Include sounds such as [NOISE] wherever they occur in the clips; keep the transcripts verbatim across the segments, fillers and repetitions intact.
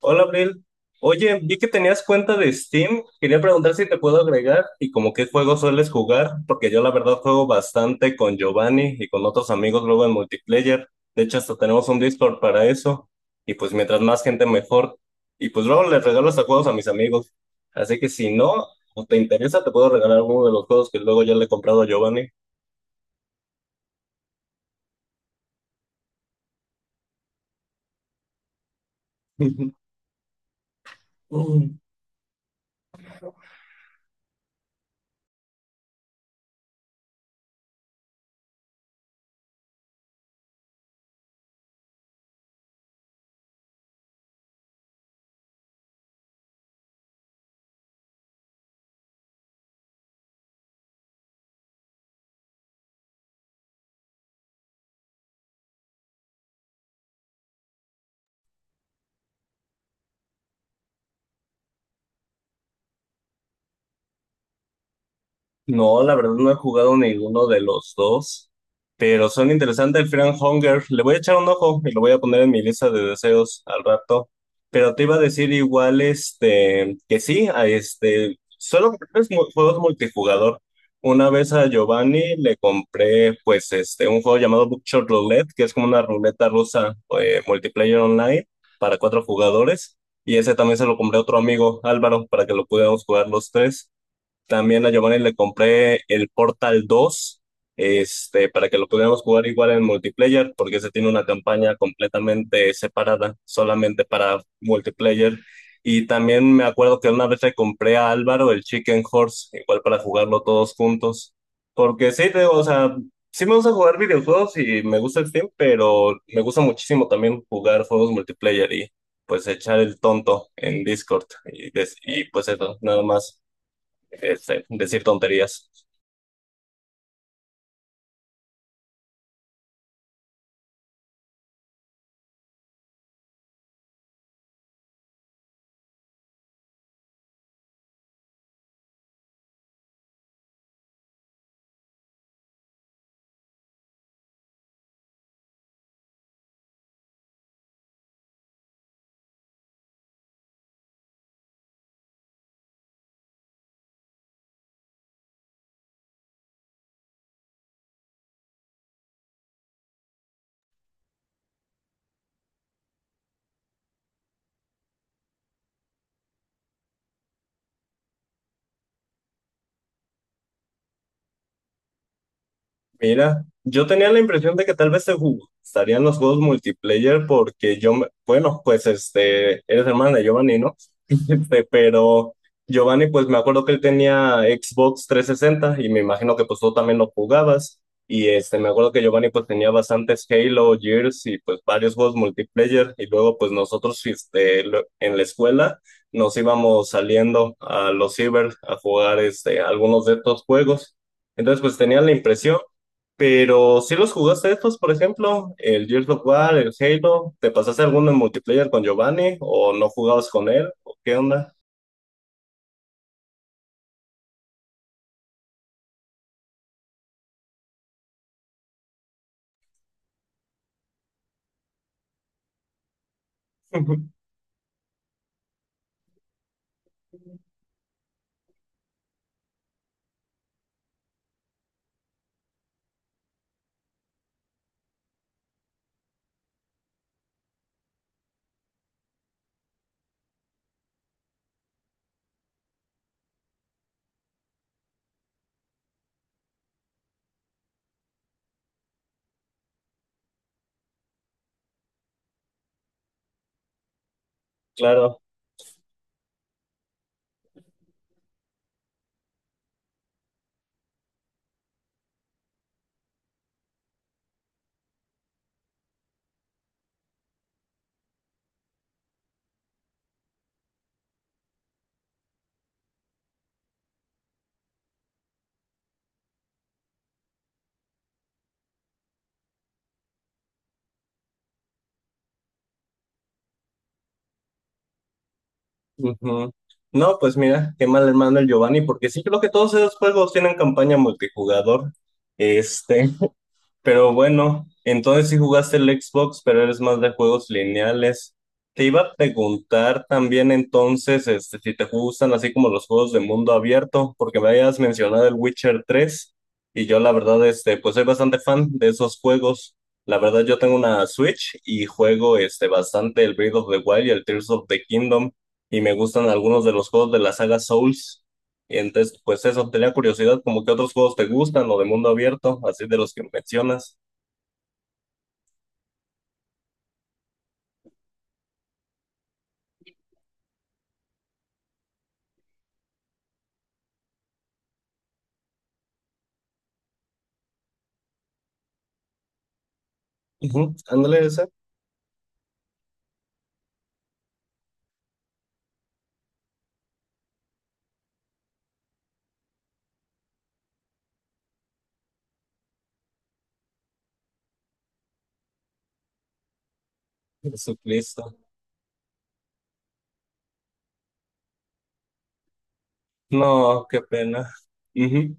Hola, Abril. Oye, vi que tenías cuenta de Steam. Quería preguntar si te puedo agregar y como qué juegos sueles jugar, porque yo la verdad juego bastante con Giovanni y con otros amigos luego en multiplayer. De hecho, hasta tenemos un Discord para eso. Y pues mientras más gente mejor. Y pues luego les regalo hasta juegos a mis amigos. Así que si no, o te interesa, te puedo regalar uno de los juegos que luego ya le he comprado a Giovanni. No, la verdad no he jugado ninguno de los dos, pero son interesantes el Friend Hunger. Le voy a echar un ojo y lo voy a poner en mi lista de deseos al rato. Pero te iba a decir igual, este, que sí, a este, solo es mu- juegos multijugador. Una vez a Giovanni le compré, pues, este, un juego llamado Bookshot Roulette, que es como una ruleta rusa, eh, multiplayer online para cuatro jugadores. Y ese también se lo compré a otro amigo, Álvaro, para que lo pudiéramos jugar los tres. También a Giovanni le compré el Portal dos este, para que lo pudiéramos jugar igual en multiplayer, porque ese tiene una campaña completamente separada, solamente para multiplayer. Y también me acuerdo que una vez le compré a Álvaro el Chicken Horse, igual para jugarlo todos juntos. Porque sí, te- o sea, sí me gusta jugar videojuegos y me gusta el Steam, pero me gusta muchísimo también jugar juegos multiplayer y pues echar el tonto en Discord y, des- y pues eso, nada más este, decir tonterías. Mira, yo tenía la impresión de que tal vez se jugó. Estarían los juegos multiplayer porque yo, me- bueno, pues este, eres hermana de Giovanni, ¿no? Este, pero Giovanni, pues me acuerdo que él tenía Xbox trescientos sesenta y me imagino que pues tú también lo jugabas. Y este, me acuerdo que Giovanni pues tenía bastantes Halo, Gears y pues varios juegos multiplayer. Y luego pues nosotros este, lo- en la escuela nos íbamos saliendo a los ciber a jugar este, algunos de estos juegos. Entonces pues tenía la impresión, pero si los jugaste estos, por ejemplo, el Gears of War, el Halo, ¿te pasaste alguno en multiplayer con Giovanni o no jugabas con él? ¿Qué onda? [LAUGHS] Claro. Ujú. No, pues mira, qué mal hermano el Giovanni, porque sí creo que todos esos juegos tienen campaña multijugador. Este, pero bueno, entonces sí jugaste el Xbox, pero eres más de juegos lineales. Te iba a preguntar también entonces este, si te gustan así como los juegos de mundo abierto, porque me habías mencionado el Witcher tres y yo la verdad este, pues soy bastante fan de esos juegos. La verdad yo tengo una Switch y juego este, bastante el Breath of the Wild y el Tears of the Kingdom y me gustan algunos de los juegos de la saga Souls. Y entonces, pues eso, tenía curiosidad, como que otros juegos te gustan o de mundo abierto, así de los que mencionas. Ujú, ándale ese. Jesucristo. No, qué pena. Ujú.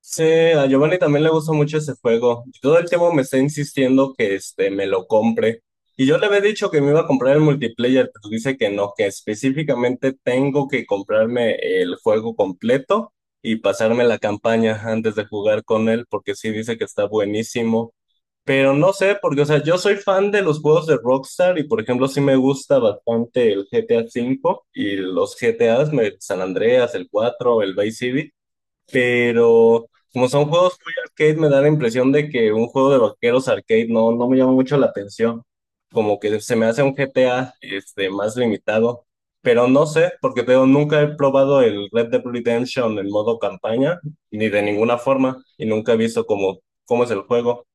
Sí, a Giovanni también le gusta mucho ese juego. Y todo el tiempo me está insistiendo que este, me lo compre. Y yo le había dicho que me iba a comprar el multiplayer, pero dice que no, que específicamente tengo que comprarme el juego completo y pasarme la campaña antes de jugar con él, porque sí dice que está buenísimo. Pero no sé, porque, o sea, yo soy fan de los juegos de Rockstar y, por ejemplo, sí me gusta bastante el G T A V y los G T As, me- San Andreas, el cuatro, el Vice City, pero como son juegos muy arcade, me da la impresión de que un juego de vaqueros arcade no, no me llama mucho la atención. Como que se me hace un G T A este, más limitado. Pero no sé, porque te digo, nunca he probado el Red Dead Redemption en modo campaña, ni de ninguna forma, y nunca he visto cómo, cómo es el juego.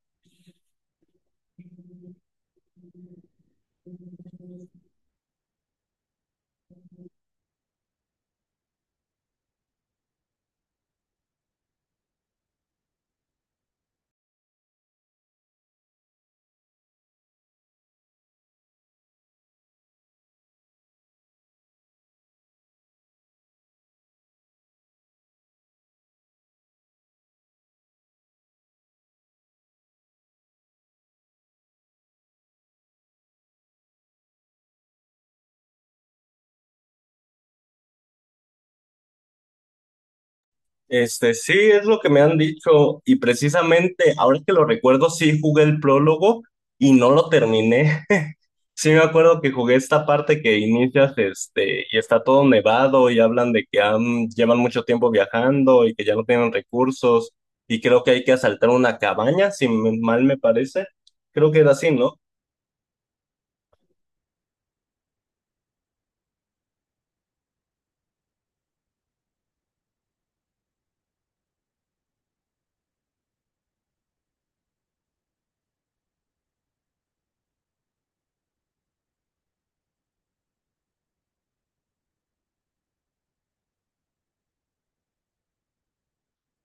Este, sí, es lo que me han dicho, y precisamente ahora que lo recuerdo, sí jugué el prólogo y no lo terminé. Sí, me acuerdo que jugué esta parte que inicias, este, y está todo nevado y hablan de que han, llevan mucho tiempo viajando y que ya no tienen recursos y creo que hay que asaltar una cabaña, si me- mal me parece. Creo que era así, ¿no?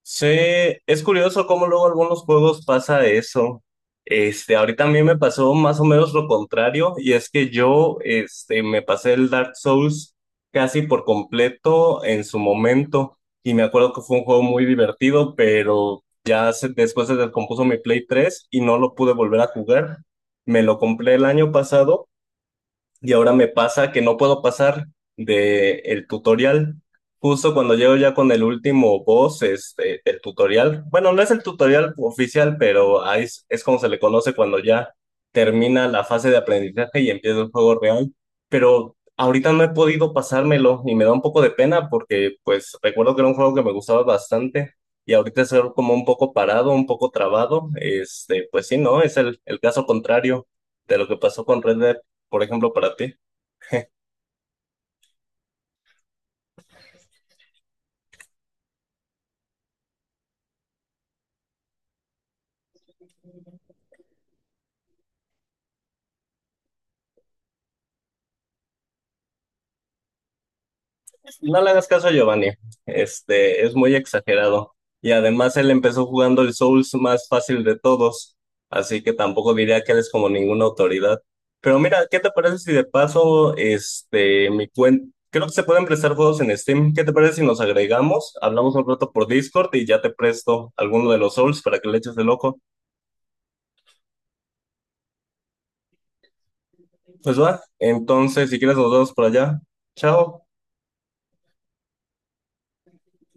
Sí, es curioso cómo luego algunos juegos pasa eso. Este, ahorita a mí me pasó más o menos lo contrario, y es que yo, este, me pasé el Dark Souls casi por completo en su momento, y me acuerdo que fue un juego muy divertido, pero ya se- después se descompuso mi Play tres y no lo pude volver a jugar. Me lo compré el año pasado y ahora me pasa que no puedo pasar de el tutorial. Justo cuando llego ya con el último boss, este, el tutorial. Bueno, no es el tutorial oficial, pero ahí es, es como se le conoce cuando ya termina la fase de aprendizaje y empieza el juego real. Pero ahorita no he podido pasármelo y me da un poco de pena porque pues recuerdo que era un juego que me gustaba bastante y ahorita es algo como un poco parado, un poco trabado. Este, pues sí, no, es el, el caso contrario de lo que pasó con Red Dead por ejemplo, para ti. No le hagas caso a Giovanni, este, es muy exagerado. Y además él empezó jugando el Souls más fácil de todos, así que tampoco diría que él es como ninguna autoridad. Pero mira, ¿qué te parece si de paso, este, mi cuenta, creo que se pueden prestar juegos en Steam. ¿Qué te parece si nos agregamos? Hablamos un rato por Discord y ya te presto alguno de los Souls para que le eches de loco. Pues va, entonces si quieres nos vemos por allá. Chao.